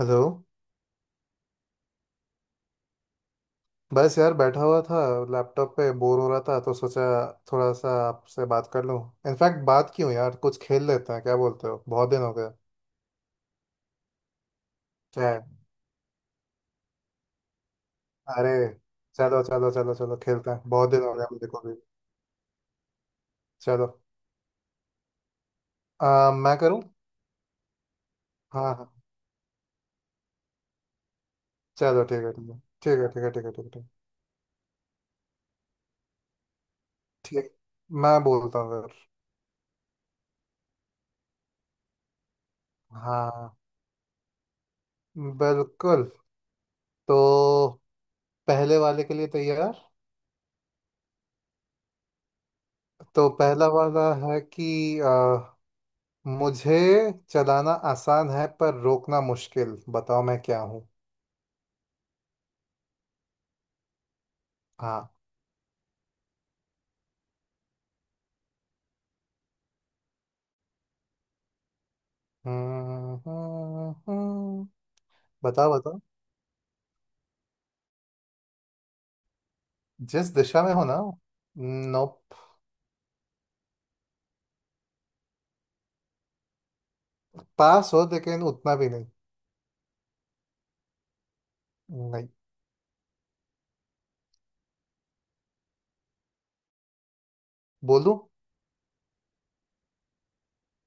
Hello. बस यार बैठा हुआ था। लैपटॉप पे बोर हो रहा था तो सोचा थोड़ा सा आपसे बात कर लूं। इनफैक्ट बात क्यों यार, कुछ खेल लेते हैं, क्या बोलते हो? बहुत दिन हो गया। क्या है? अरे चलो चलो चलो चलो, खेलते हैं। बहुत दिन हो गया मुझे को भी। चलो। मैं करूँ? हाँ हाँ, चलो ठीक है, ठीक है, ठीक है, ठीक है, ठीक है, ठीक है, ठीक है, ठीक, मैं बोलता हूँ फिर। हाँ, बिल्कुल। तो पहले वाले के लिए तैयार? तो पहला वाला है कि मुझे, चलाना आसान है पर रोकना मुश्किल, बताओ मैं क्या हूँ? हाँ। हम्म, हम्म, हम्म। बताओ बताओ। जिस दिशा में हो ना। नो। पास हो, लेकिन उतना भी नहीं। नहीं। बोलूं?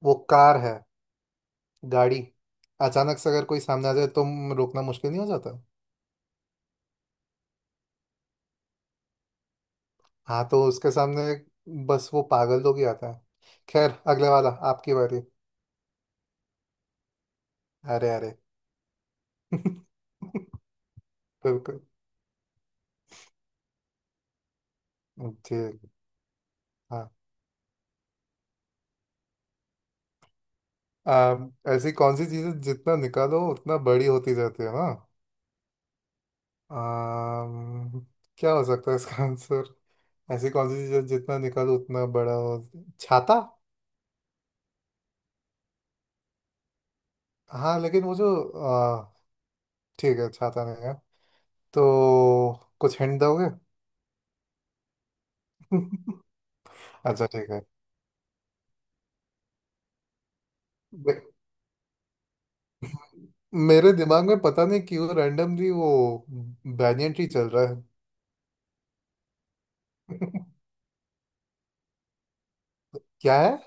वो कार है, गाड़ी। अचानक से अगर कोई सामने आ जाए तो रोकना मुश्किल नहीं हो जाता? हाँ तो उसके सामने बस वो पागल लोग ही आता है। खैर, अगले वाला, आपकी बारी। अरे अरे। बिल्कुल। जी। हाँ। ऐसी कौन सी चीजें जितना निकालो उतना बड़ी होती जाती है ना? आम, क्या हो सकता है इसका आंसर? ऐसी कौन सी चीजें जितना निकालो उतना बड़ा हो? छाता? हाँ लेकिन वो जो आ, ठीक है, छाता नहीं है तो कुछ हिंट दोगे? अच्छा ठीक है। मे- मेरे दिमाग में पता नहीं क्यों रैंडमली वो बैंyan ट्री चल रहा है। क्या है?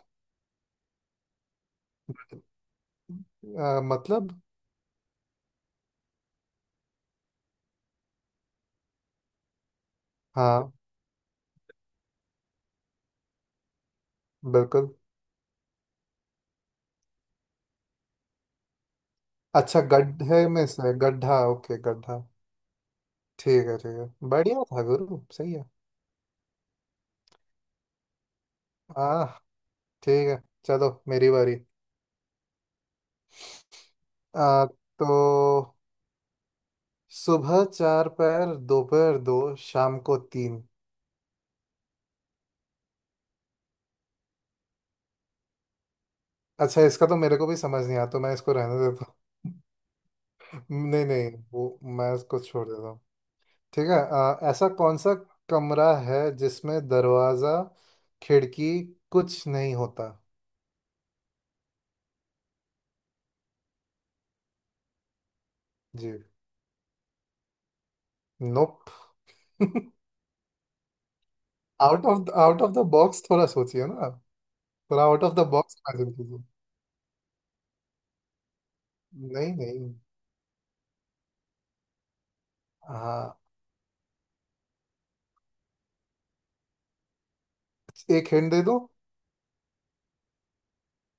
मतलब। हाँ, बिल्कुल। अच्छा, गड्ढे में से गड्ढा। ओके गड्ढा। ठीक है ठीक है, बढ़िया था गुरु, सही है। हाँ ठीक है। चलो, मेरी बारी। आ, तो सुबह चार पैर, दोपहर दो, शाम को तीन। अच्छा इसका तो मेरे को भी समझ नहीं आता, तो मैं इसको रहने देता हूँ। नहीं नहीं, वो मैं इसको छोड़ देता हूँ। ठीक है। ऐसा कौन सा कमरा है जिसमें दरवाजा खिड़की कुछ नहीं होता? जी, नोप। आउट ऑफ द बॉक्स थोड़ा सोचिए ना आप। थोड़ा out of the box imagine कीजिए। नहीं नहीं। हाँ, एक हिंट दे दो।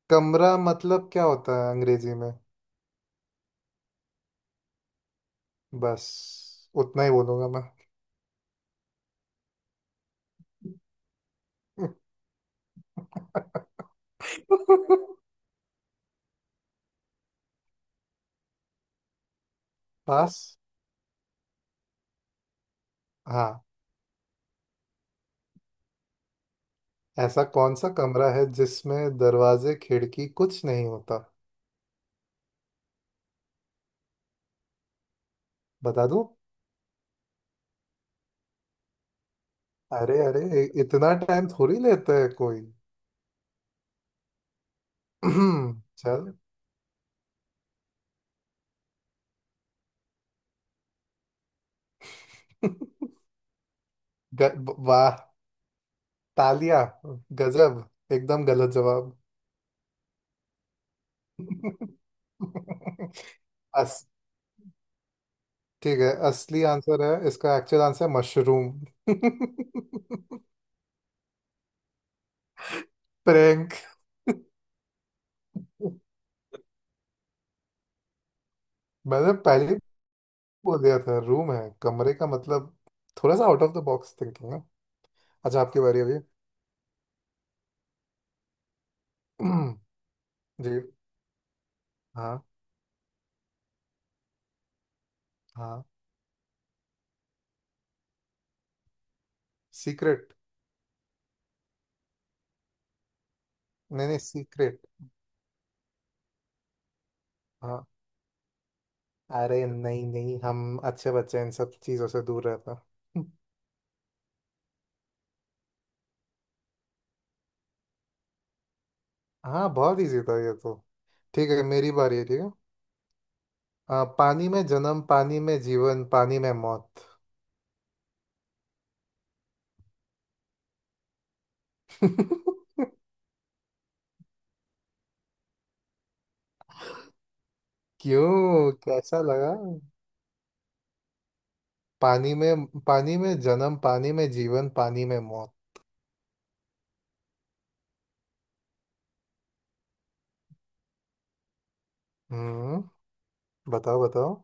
कमरा मतलब क्या होता है अंग्रेजी में? बस उतना ही बोलूंगा मैं। पास। हाँ, ऐसा कौन सा कमरा है जिसमें दरवाजे खिड़की कुछ नहीं होता? बता दूं? अरे अरे, इतना टाइम थोड़ी लेता है कोई। चल। वाह! तालिया, गजब! एकदम गलत जवाब। बस, ठीक है। असली आंसर है इसका, एक्चुअल आंसर है मशरूम। प्रैंक। मैंने पहले ही बोल दिया था रूम है कमरे का मतलब, थोड़ा सा out of the box thinking है। अच्छा, आपकी बारी अभी। जी। हाँ। हाँ, सीक्रेट। नहीं नहीं, सीक्रेट। हाँ। अरे नहीं नहीं, हम अच्छे बच्चे हैं, इन सब चीज़ों से दूर रहता। हाँ बहुत इजी था ये तो। ठीक है, मेरी बारी है, ठीक है। पानी में जन्म, पानी में जीवन, पानी में मौत। क्यों, कैसा लगा? पानी में जन्म, पानी में जीवन, पानी में मौत। हम्म, बताओ बताओ।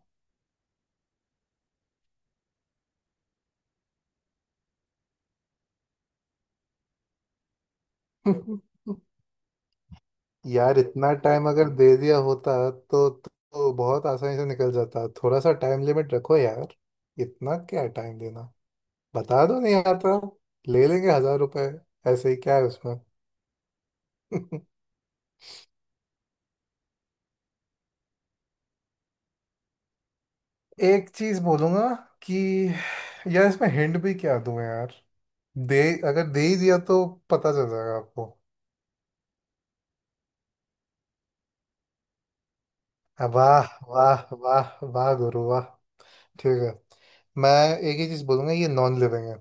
यार इतना टाइम अगर दे दिया होता तो बहुत आसानी से निकल जाता। थोड़ा सा टाइम लिमिट रखो यार, इतना क्या टाइम देना? बता दो नहीं आता, ले लेंगे 1000 रुपए ऐसे ही, क्या है उसमें? एक चीज बोलूंगा कि यार, इसमें हिंट भी क्या दूं यार? दे अगर दे ही दिया तो पता चल जाएगा आपको। वाह वाह वाह वाह गुरु, वाह! ठीक है। मैं एक ही चीज बोलूंगा, ये नॉन लिविंग है।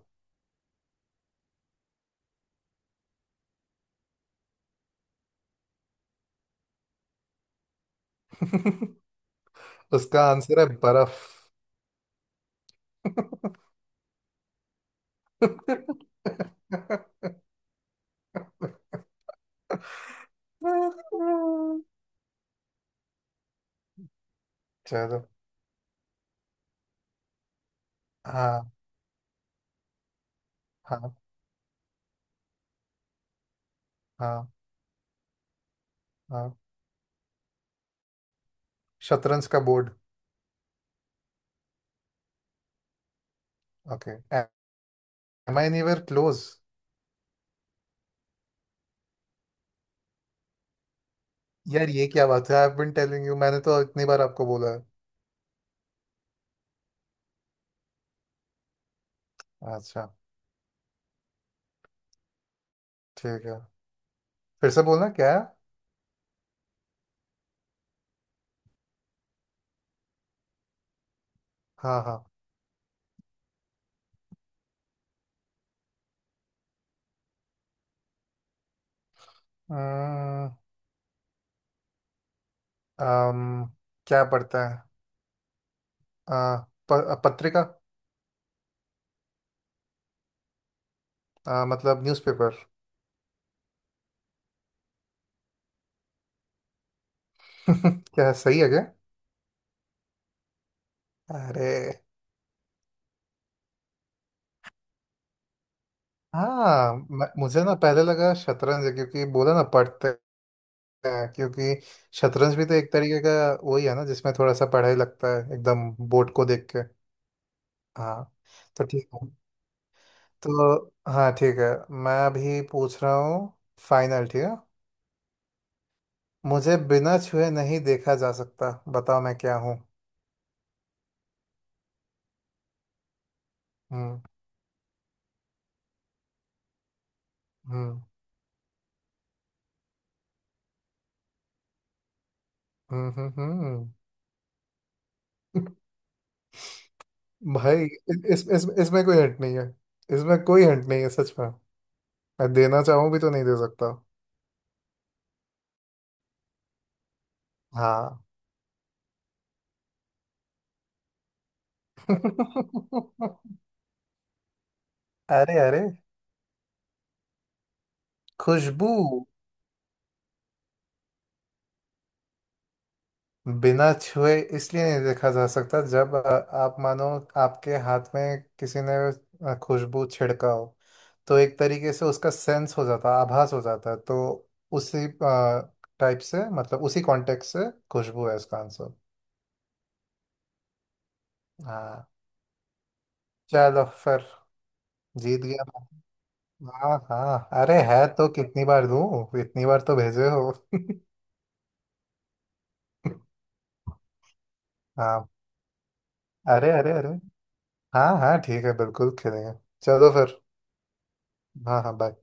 उसका आंसर है बर्फ। चलो। हाँ। हाँ। हाँ। हाँ, शतरंज का board. Okay, am I anywhere close? यार ये क्या बात है, I have been telling you, मैंने तो इतनी बार आपको बोला है। अच्छा ठीक है। फिर से बोलना क्या है? हाँ हाँ। अम्म, अम्म, क्या पड़ता है? आ, पत्रिका। मतलब न्यूज़पेपर। क्या, सही है क्या? अरे! हाँ, मुझे ना पहले लगा शतरंज है क्योंकि बोला ना पढ़ते हैं क्योंकि शतरंज भी तो एक तरीके का वही है ना जिसमें थोड़ा सा पढ़ाई लगता है एकदम बोर्ड को देख के। हाँ, तो ठीक है। तो हाँ ठीक है, मैं अभी पूछ रहा हूँ, फाइनल, ठीक है। मुझे बिना छुए नहीं देखा जा सकता, बताओ मैं क्या हूँ? हम्म। हम्म। हम्म। हम्म। हम्म। भाई, इसमें कोई हट नहीं है। इसमें कोई हट नहीं है सच में, मैं देना चाहूं भी तो नहीं दे सकता। हाँ। अरे अरे, खुशबू। बिना छुए इसलिए नहीं देखा जा सकता जब आप मानो आपके हाथ में किसी ने खुशबू छिड़का हो। तो एक तरीके से उसका सेंस हो जाता है, आभास हो जाता है, तो उसी टाइप से, मतलब उसी कॉन्टेक्स्ट से खुशबू है इसका आंसर। हाँ, चलो फिर, जीत गया। हाँ हाँ, अरे है तो, कितनी बार दूं? इतनी बार तो भेजे हो। हाँ। अरे अरे अरे, हाँ हाँ, ठीक है बिल्कुल खेलेंगे। चलो फिर। हाँ हाँ, बाय।